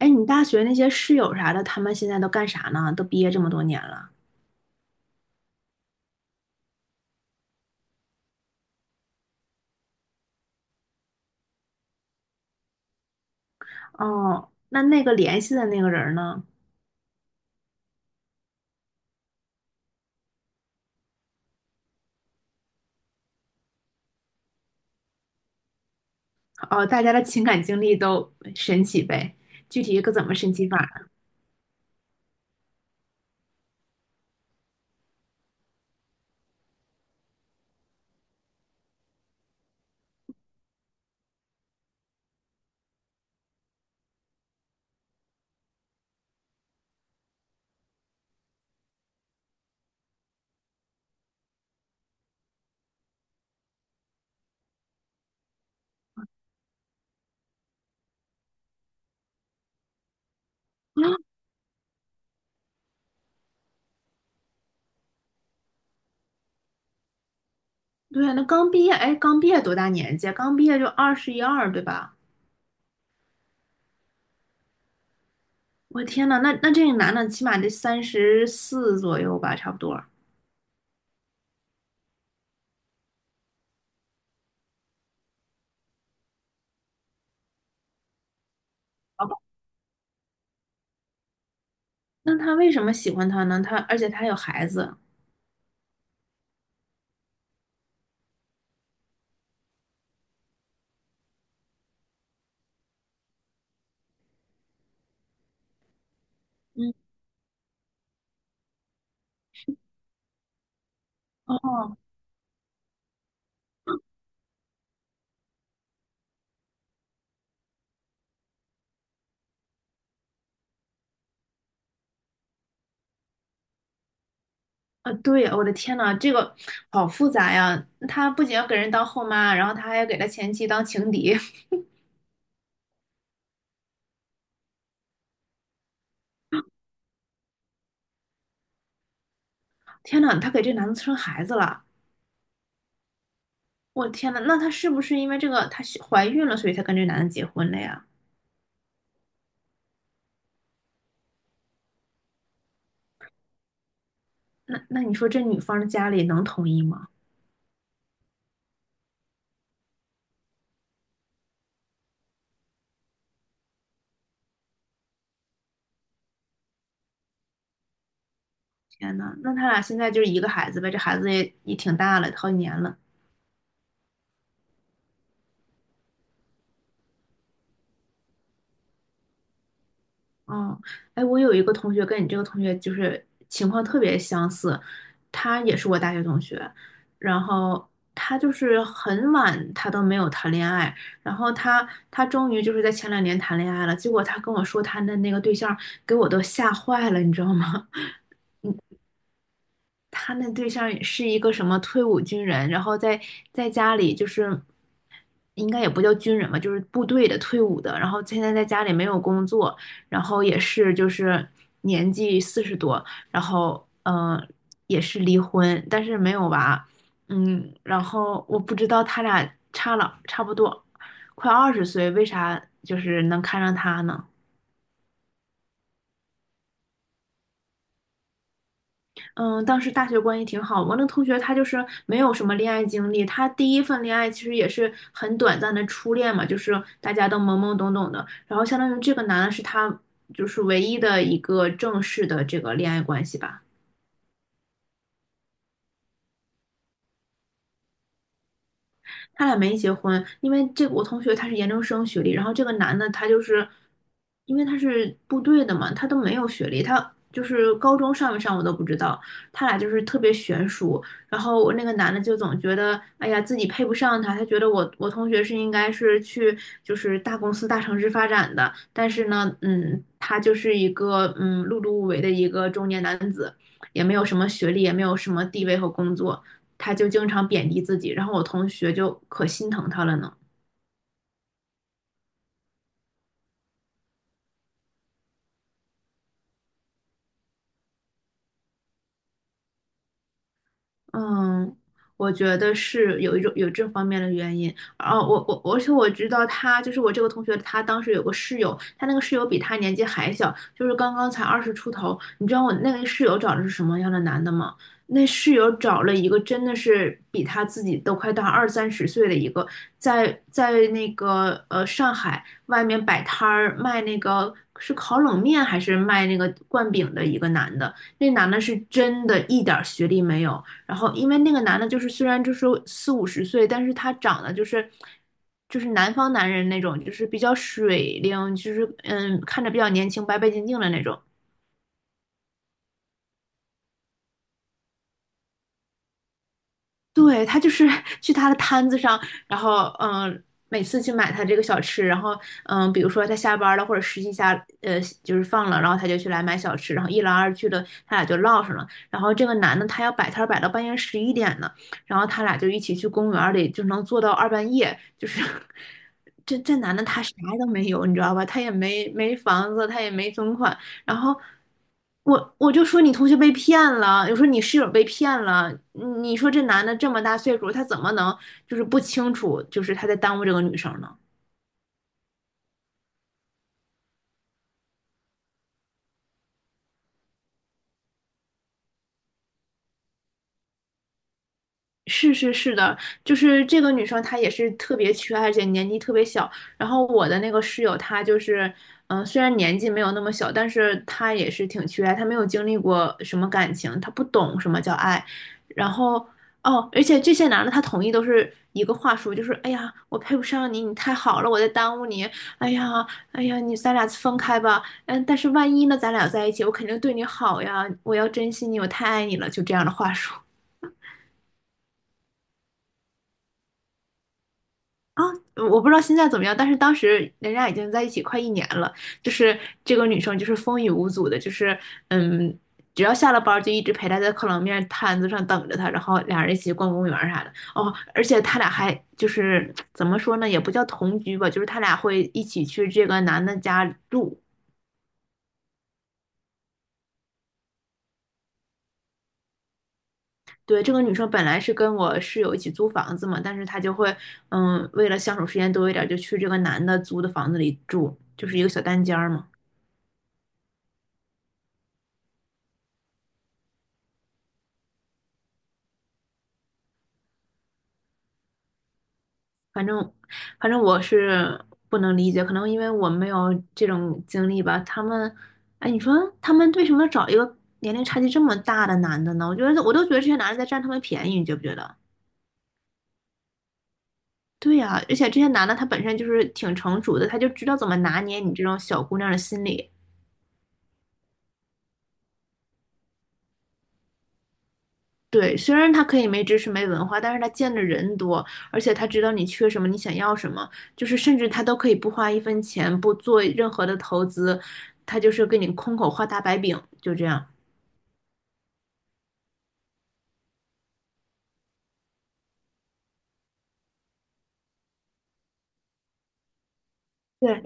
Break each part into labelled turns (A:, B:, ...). A: 哎，你大学那些室友啥的，他们现在都干啥呢？都毕业这么多年了。哦，那个联系的那个人呢？哦，大家的情感经历都神奇呗，具体可怎么神奇法呢？对呀，那刚毕业，哎，刚毕业多大年纪啊，刚毕业就二十一二，对吧？我天呐，那这个男的起码得34左右吧，差不多。好吧，那他为什么喜欢他呢？而且他有孩子。嗯，哦，啊，对，我的天呐，这个好复杂呀！她不仅要给人当后妈，然后她还要给她前妻当情敌。天呐，她给这男的生孩子了！我天呐，那她是不是因为这个她是怀孕了，所以才跟这男的结婚了呀？那你说这女方的家里能同意吗？天呐，那他俩现在就是一个孩子呗，这孩子也挺大了，好几年了。哦，哎，我有一个同学跟你这个同学就是情况特别相似，他也是我大学同学，然后他就是很晚他都没有谈恋爱，然后他终于就是在前两年谈恋爱了，结果他跟我说他的那个对象给我都吓坏了，你知道吗？他那对象是一个什么退伍军人，然后在家里就是应该也不叫军人吧，就是部队的退伍的，然后现在在家里没有工作，然后也是就是年纪40多，然后也是离婚，但是没有娃。嗯，然后我不知道他俩差了差不多快20岁，为啥就是能看上他呢？嗯，当时大学关系挺好。我那同学他就是没有什么恋爱经历，他第一份恋爱其实也是很短暂的初恋嘛，就是大家都懵懵懂懂的。然后相当于这个男的是他就是唯一的一个正式的这个恋爱关系吧。他俩没结婚，因为这个我同学他是研究生学历，然后这个男的他就是因为他是部队的嘛，他都没有学历，他就是高中上没上我都不知道，他俩就是特别悬殊。然后我那个男的就总觉得，哎呀，自己配不上他，他觉得我同学是应该是去就是大公司大城市发展的，但是呢，他就是一个碌碌无为的一个中年男子，也没有什么学历，也没有什么地位和工作。他就经常贬低自己，然后我同学就可心疼他了呢。嗯，我觉得是有一种有这方面的原因。啊，我而且我知道他就是我这个同学，他当时有个室友，他那个室友比他年纪还小，就是刚刚才20出头。你知道我那个室友找的是什么样的男的吗？那室友找了一个真的是比他自己都快大二三十岁的一个，在那个上海外面摆摊儿卖那个是烤冷面还是卖那个灌饼的一个男的，那男的是真的一点儿学历没有。然后因为那个男的，就是虽然就是四五十岁，但是他长得就是南方男人那种，就是比较水灵，就是看着比较年轻、白白净净的那种。对，他就是 去他的摊子上，然后每次去买他这个小吃，然后比如说他下班了或者实习下就是放了，然后他就去来买小吃，然后一来二去的他俩就唠上了。然后这个男的他要摆摊儿摆到半夜11点呢，然后他俩就一起去公园儿里，就能坐到二半夜。就是 这男的他啥都没有，你知道吧？他也没房子，他也没存款，然后我就说你同学被骗了，我说你室友被骗了，你说这男的这么大岁数，他怎么能就是不清楚，就是他在耽误这个女生呢？是是是的，就是这个女生她也是特别缺爱，而且年纪特别小。然后我的那个室友，她就是，虽然年纪没有那么小，但是她也是挺缺爱，她没有经历过什么感情，她不懂什么叫爱。然后哦，而且这些男的他同意都是一个话术，就是哎呀，我配不上你，你太好了，我在耽误你。哎呀，哎呀，你咱俩分开吧。嗯，但是万一呢，咱俩在一起，我肯定对你好呀，我要珍惜你，我太爱你了，就这样的话术。啊，我不知道现在怎么样，但是当时人家已经在一起快一年了，就是这个女生就是风雨无阻的，就是嗯，只要下了班儿就一直陪她在烤冷面摊子上等着她，然后俩人一起逛公园儿啥的。哦，而且他俩还就是怎么说呢，也不叫同居吧，就是他俩会一起去这个男的家住。对，这个女生本来是跟我室友一起租房子嘛，但是她就会为了相处时间多一点儿，就去这个男的租的房子里住，就是一个小单间儿嘛。反正反正我是不能理解，可能因为我没有这种经历吧。他们，哎，你说他们为什么要找一个年龄差距这么大的男的呢？我都觉得这些男的在占他们便宜，你觉不觉得？对呀，而且这些男的他本身就是挺成熟的，他就知道怎么拿捏你这种小姑娘的心理。对，虽然他可以没知识、没文化，但是他见的人多，而且他知道你缺什么，你想要什么，就是甚至他都可以不花一分钱，不做任何的投资，他就是给你空口画大白饼，就这样。对，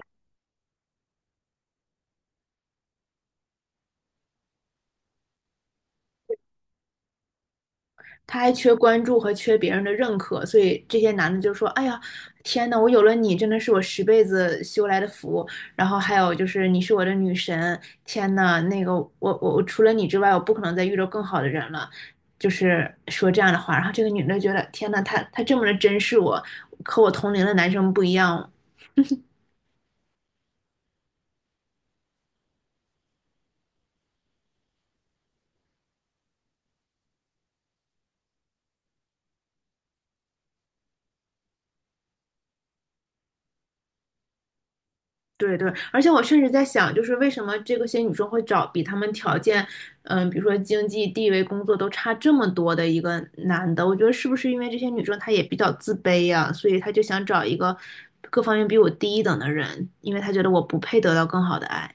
A: 他还缺关注和缺别人的认可，所以这些男的就说：“哎呀，天呐，我有了你，真的是我十辈子修来的福。”然后还有就是你是我的女神，天呐，那个我除了你之外，我不可能再遇到更好的人了，就是说这样的话。然后这个女的觉得：“天呐，他这么的珍视我，和我同龄的男生不一样，对对，而且我甚至在想，就是为什么这个些女生会找比她们条件，嗯，比如说经济地位、工作都差这么多的一个男的？我觉得是不是因为这些女生她也比较自卑呀、所以她就想找一个各方面比我低一等的人，因为她觉得我不配得到更好的爱。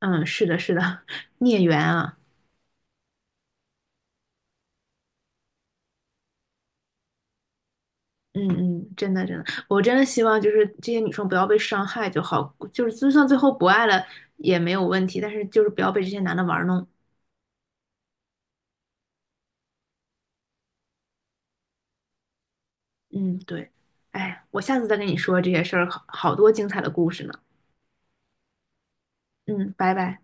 A: 嗯，是的，是的，孽缘啊，嗯嗯，真的真的，我真的希望就是这些女生不要被伤害就好，就是就算最后不爱了也没有问题，但是就是不要被这些男的玩弄。嗯，对，哎，我下次再跟你说这些事儿，好多精彩的故事呢。嗯，拜拜。